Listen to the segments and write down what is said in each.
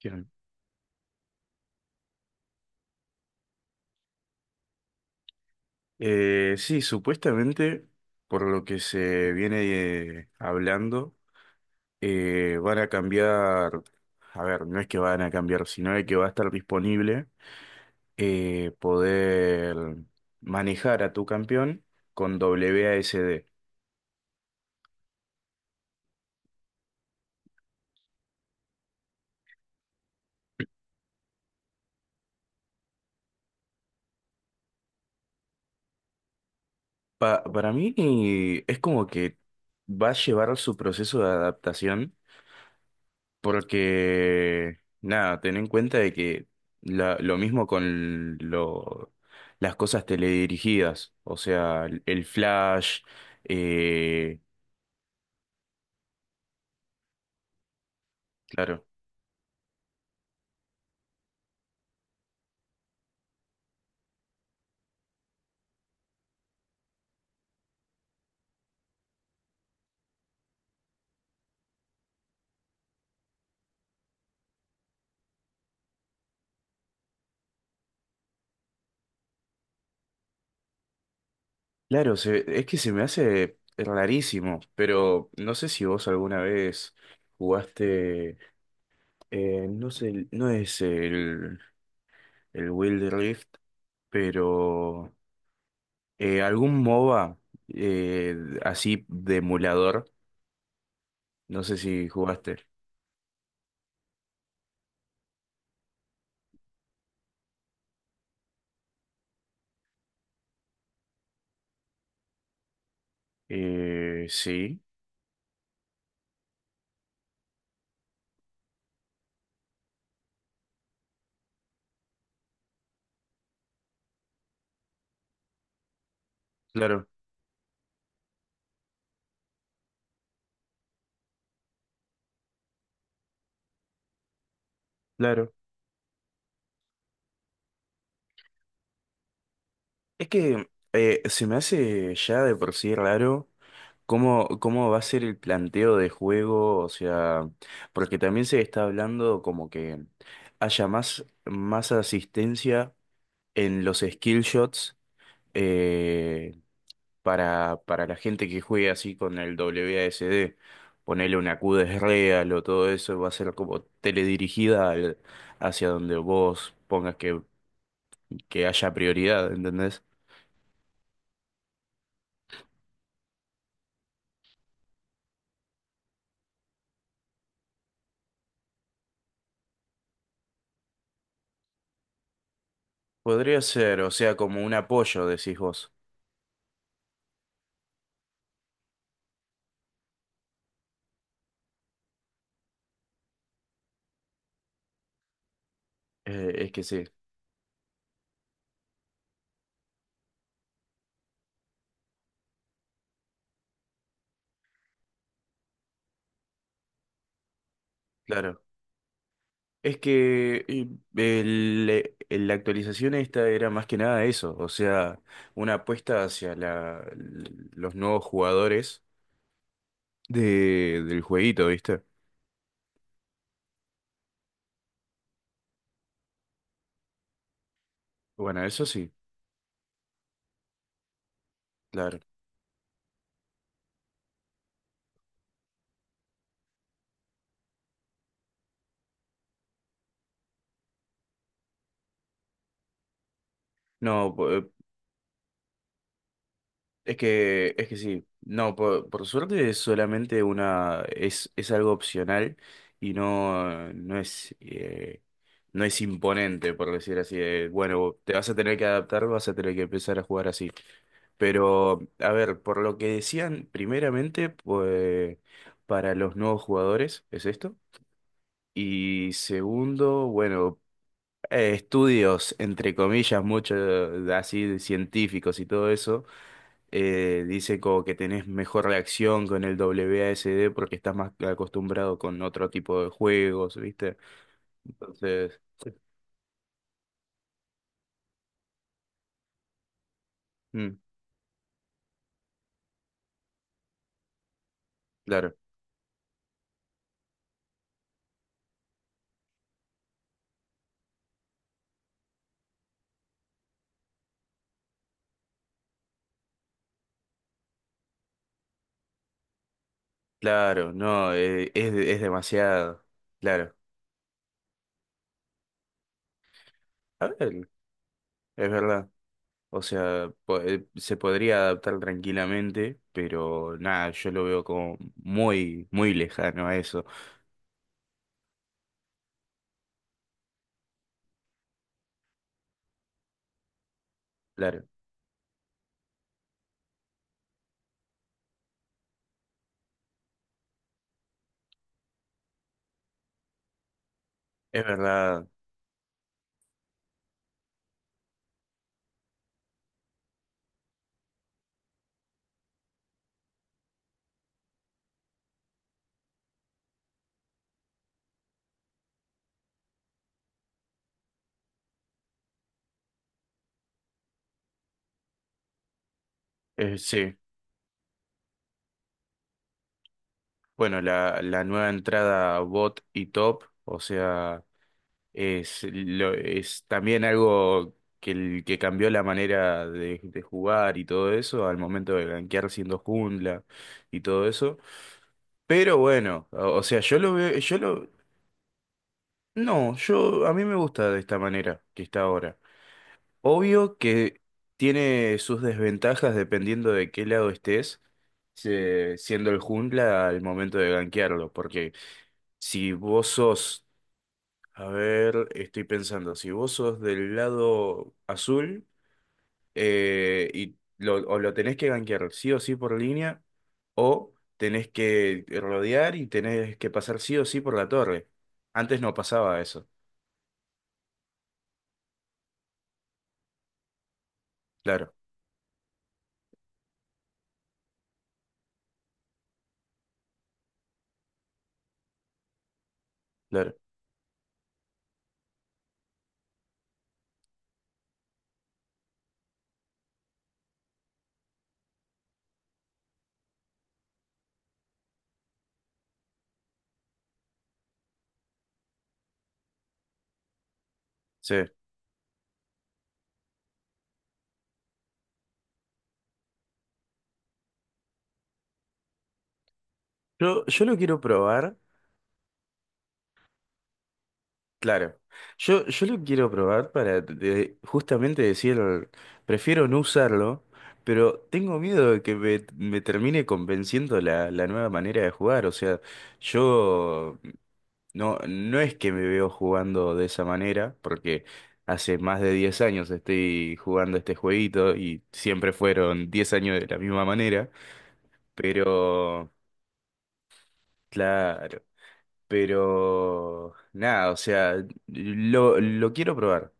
Claro. Sí, supuestamente, por lo que se viene hablando, van a cambiar. A ver, no es que van a cambiar, sino de que va a estar disponible poder manejar a tu campeón con W A S D. Para mí es como que va a llevar su proceso de adaptación. Porque, nada, ten en cuenta de que lo mismo con las cosas teledirigidas, o sea, el flash, eh, claro. Claro. Es que se me hace rarísimo, pero no sé si vos alguna vez jugaste. No sé, no es el Wild Rift, pero algún MOBA, eh, así de emulador, no sé si jugaste. Sí, claro, claro. Es que se me hace ya de por sí raro cómo va a ser el planteo de juego, o sea, porque también se está hablando como que haya más asistencia en los skill shots, eh, para la gente que juegue así con el WASD. Ponerle una Q de real o todo eso va a ser como teledirigida hacia donde vos pongas que haya prioridad, ¿entendés? Podría ser, o sea, como un apoyo, decís vos. Es que sí, claro. Es que la actualización esta era más que nada eso, o sea, una apuesta hacia los nuevos jugadores del jueguito, ¿viste? Bueno, eso sí, claro. No, es que sí, no, por suerte es solamente una, es algo opcional y no es, no es imponente, por decir así, de, bueno, te vas a tener que adaptar, vas a tener que empezar a jugar así. Pero, a ver, por lo que decían, primeramente, pues, para los nuevos jugadores, ¿es esto? Y segundo, bueno, estudios, entre comillas, mucho así de científicos y todo eso, dice como que tenés mejor reacción con el W A S D porque estás más acostumbrado con otro tipo de juegos, ¿viste? Entonces, mm, claro, claro, no, es demasiado, claro. A ver, es verdad. O sea, se podría adaptar tranquilamente, pero nada, yo lo veo como muy, muy lejano a eso. Claro, es verdad, sí. Bueno, la nueva entrada bot y top. O sea, es también algo que cambió la manera de jugar y todo eso al momento de gankear siendo jungla y todo eso. Pero bueno, o sea, yo lo veo, yo lo, no, yo, a mí me gusta de esta manera que está ahora. Obvio que tiene sus desventajas dependiendo de qué lado estés, siendo el jungla al momento de gankearlo, porque si vos sos. A ver, estoy pensando, si vos sos del lado azul, o lo tenés que gankear sí o sí por línea, o tenés que rodear y tenés que pasar sí o sí por la torre. Antes no pasaba eso. Claro, claro. Sí. Yo lo quiero probar. Claro. Yo lo quiero probar para justamente decir, prefiero no usarlo, pero tengo miedo de que me termine convenciendo la nueva manera de jugar. O sea, yo no es que me veo jugando de esa manera, porque hace más de 10 años estoy jugando este jueguito y siempre fueron 10 años de la misma manera, pero claro. Pero nada, o sea, lo quiero probar.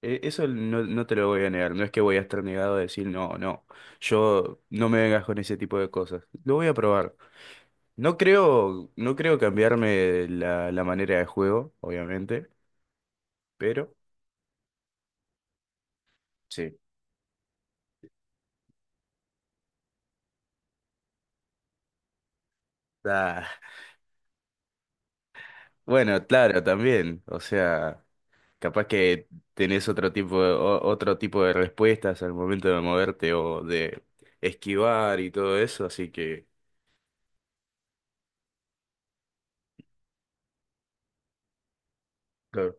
Eso no, no te lo voy a negar. No es que voy a estar negado a decir, no, no, yo no me vengas con ese tipo de cosas. Lo voy a probar. No creo cambiarme la manera de juego, obviamente, pero sí. Ah, bueno, claro, también. O sea, capaz que tenés otro tipo de respuestas al momento de moverte o de esquivar y todo eso, así que. Claro.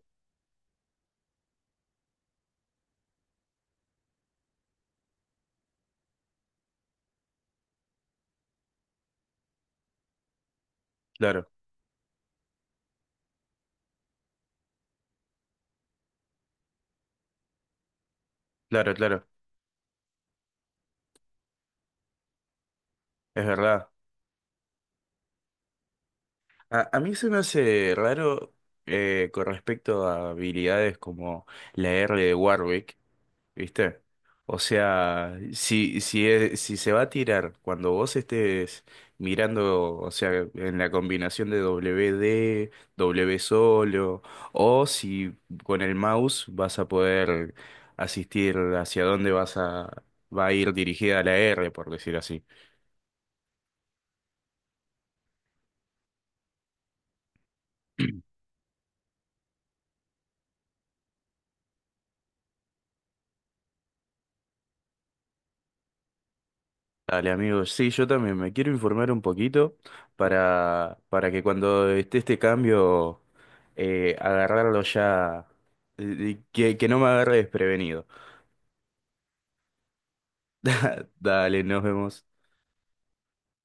Claro, claro, claro, es verdad. A mí se me hace raro, con respecto a habilidades como la R de Warwick, ¿viste? O sea, si se va a tirar cuando vos estés mirando, o sea, en la combinación de W D, W solo, o si con el mouse vas a poder asistir hacia dónde va a ir dirigida la R, por decir así. Dale, amigos. Sí, yo también me quiero informar un poquito para que cuando esté este cambio, agarrarlo ya, que no me agarre desprevenido. Dale, nos vemos.